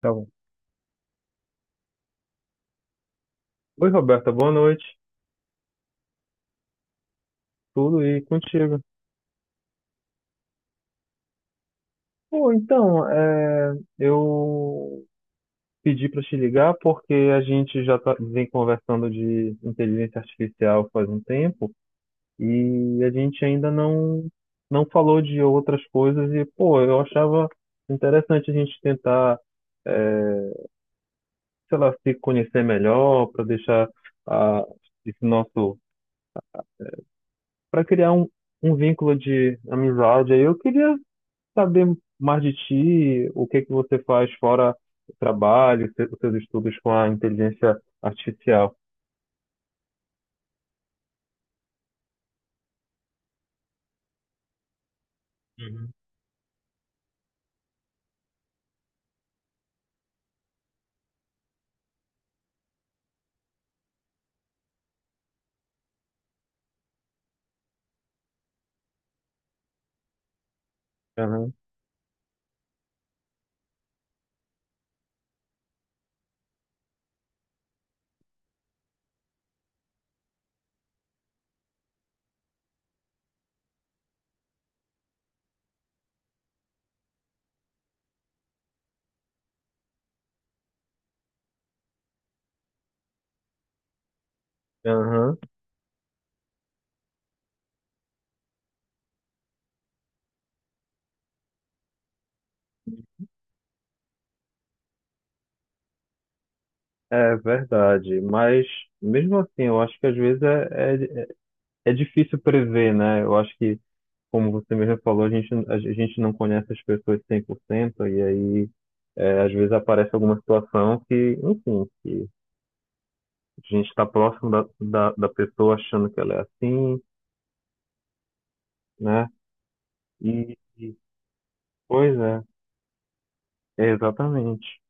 Tá bom. Oi, Roberta, boa noite. Tudo e contigo. Eu pedi para te ligar porque a gente já tá, vem conversando de inteligência artificial faz um tempo e a gente ainda não, não falou de outras coisas e, pô, eu achava interessante a gente tentar, é, sei lá, se conhecer melhor para deixar a, esse nosso, para criar um vínculo de amizade. Aí eu queria saber mais de ti, o que é que você faz fora o trabalho, os seus estudos com a inteligência artificial. Uhum. Aham, aham. É verdade, mas mesmo assim, eu acho que às vezes é difícil prever, né? Eu acho que, como você mesmo falou, a gente não conhece as pessoas 100% e aí às vezes aparece alguma situação que, enfim, que a gente está próximo da pessoa achando que ela é assim, né? E, e pois é, Exatamente.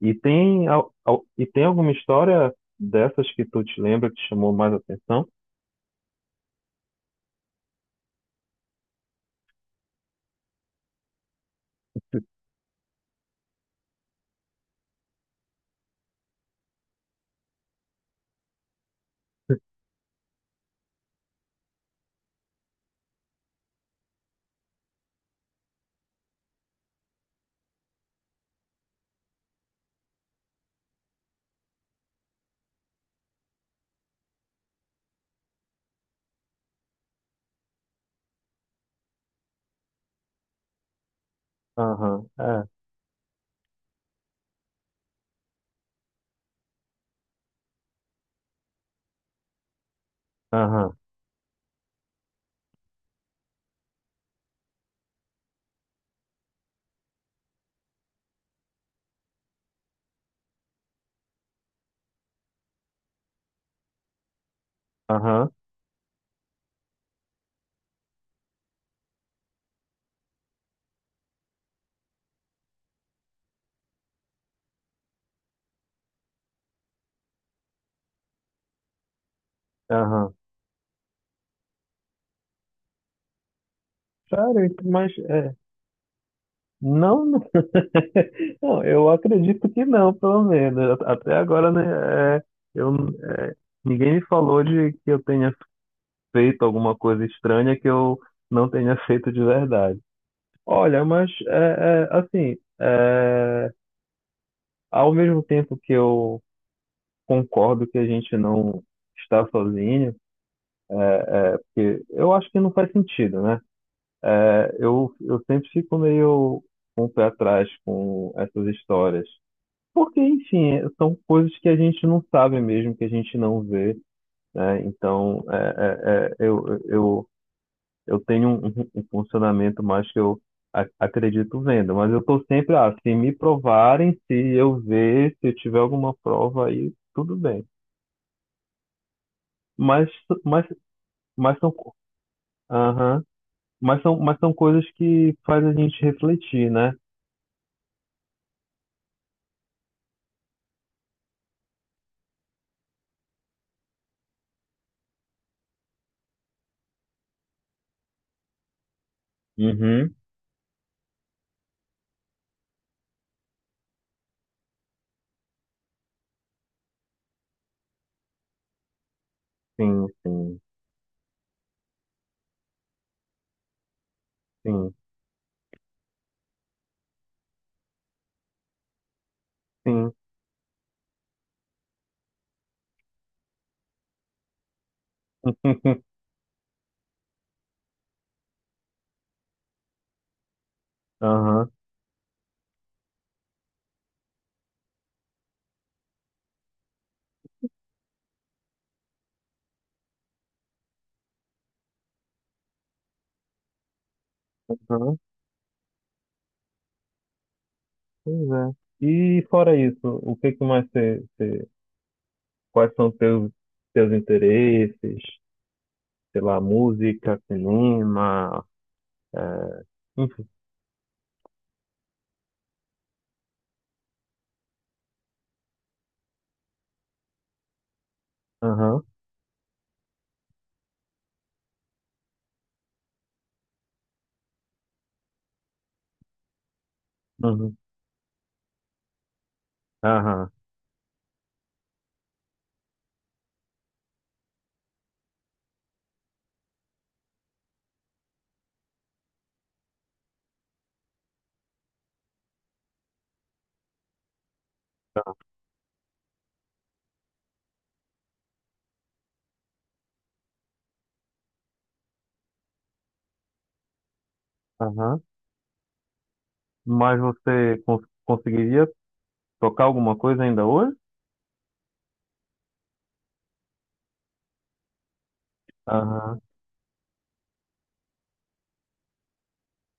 E tem, e tem alguma história dessas que tu te lembra que chamou mais atenção? Aham, é, aham, aham, aham. Sério, mas é, não, não, Não, eu acredito que não, pelo menos. Até agora, né, é, eu, é, ninguém me falou de que eu tenha feito alguma coisa estranha que eu não tenha feito de verdade. Olha, ao mesmo tempo que eu concordo que a gente não está sozinho, porque eu acho que não faz sentido, né? Eu sempre fico meio com o pé atrás com essas histórias. Porque, enfim, são coisas que a gente não sabe mesmo, que a gente não vê, né? Então, eu tenho um funcionamento mais que eu acredito vendo, mas eu estou sempre, ah, se me provarem, se eu ver, se eu tiver alguma prova aí, tudo bem. Mas, mas, mas Aham. Mas são coisas que faz a gente refletir, né? Uhum. Sim, sim, sim, sim. Aham, aham, pois é. E fora isso, o que que quais são teus interesses? Sei lá, música, cinema, é, enfim. Aham, uhum, aham, aham. Mas você conseguiria tocar alguma coisa ainda hoje? Aham,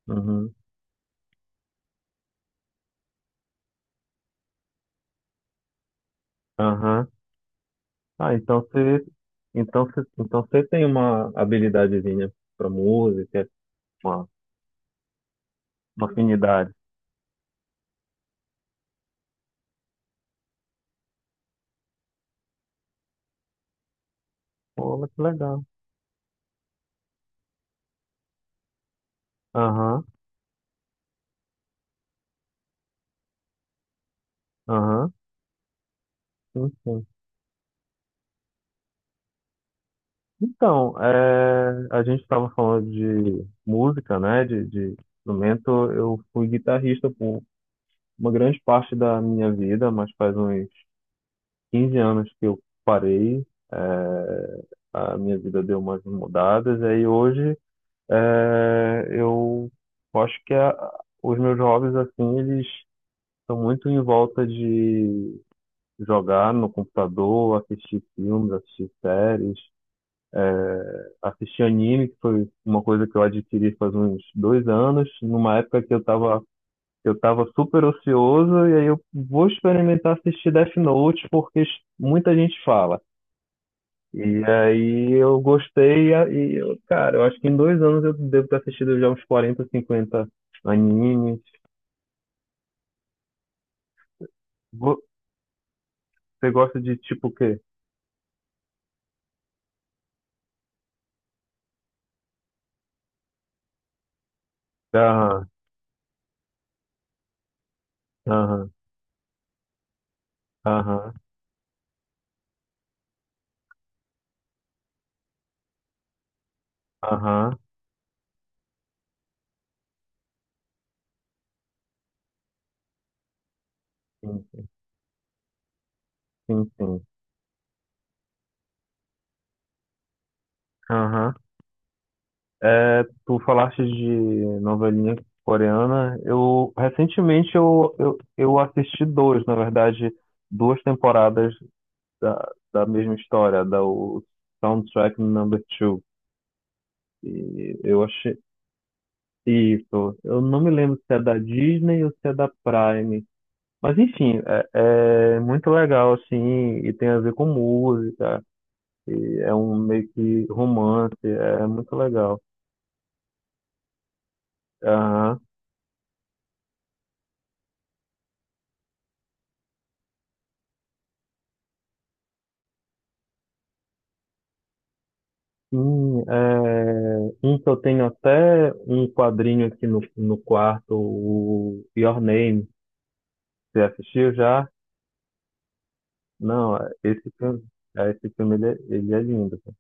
uhum, aham. Ah, então você tem uma habilidadezinha pra música, uma, uma afinidade. Pô, mas que legal. Aham, aham, sim, sim. Então, é, a gente estava falando de música, né, de instrumento. Eu fui guitarrista por uma grande parte da minha vida, mas faz uns 15 anos que eu parei. É, a minha vida deu umas mudadas, aí hoje é, eu acho que os meus hobbies, assim, eles estão muito em volta de jogar no computador, assistir filmes, assistir séries, assistir anime, que foi uma coisa que eu adquiri faz uns dois anos, numa época que eu tava super ocioso, e aí eu vou experimentar assistir Death Note, porque muita gente fala. E aí eu gostei, e eu, cara, eu acho que em dois anos eu devo ter assistido já uns quarenta cinquenta animes. Vo- Você gosta de tipo o quê? Aham, aham, aham, aham, sim, sim, sim. Sim. Aham. É, tu falaste de novelinha coreana. Eu recentemente eu assisti dois, na verdade, duas temporadas da mesma história, da o Soundtrack Number Two. E eu achei, isso. Eu não me lembro se é da Disney ou se é da Prime. Mas enfim, é muito legal assim, e tem a ver com música, e é um meio que romance, é muito legal. Aham. Sim, é, um que eu tenho até um quadrinho aqui no quarto, o Your Name. Você assistiu já? Não, é- esse filme, esse filme ele ele é lindo, cara.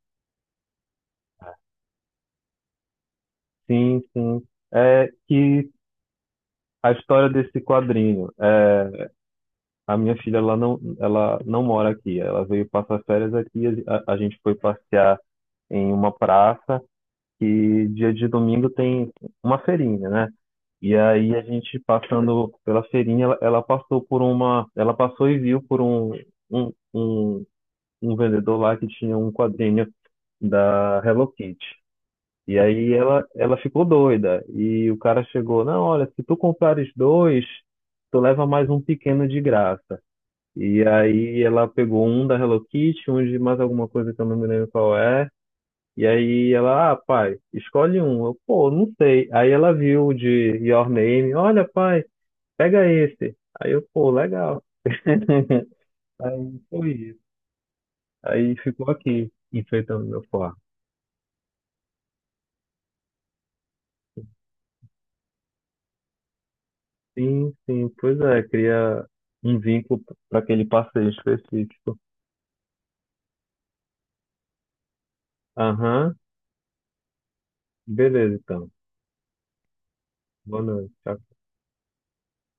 Sim, sim. É que a história desse quadrinho, é, a minha filha, ela não mora aqui. Ela veio passar férias aqui. A gente foi passear em uma praça que dia de domingo tem uma feirinha, né? E aí a gente passando pela feirinha, ela passou por uma, ela passou e viu por um, um, um vendedor lá que tinha um quadrinho da Hello Kitty. E aí ela ficou doida. E o cara chegou, não, olha, se tu comprares dois, tu leva mais um pequeno de graça. E aí ela pegou um da Hello Kitty, um de mais alguma coisa que eu não me lembro qual é. E aí ela, ah, pai, escolhe um. Eu, pô, não sei. Aí ela viu o de Your Name, olha, pai, pega esse. Aí eu, pô, legal. Aí foi isso. Aí ficou aqui, enfeitando meu quarto. Sim, sim, pois é, cria um vínculo para aquele passeio específico. Aham, beleza então. Boa noite. Tchau.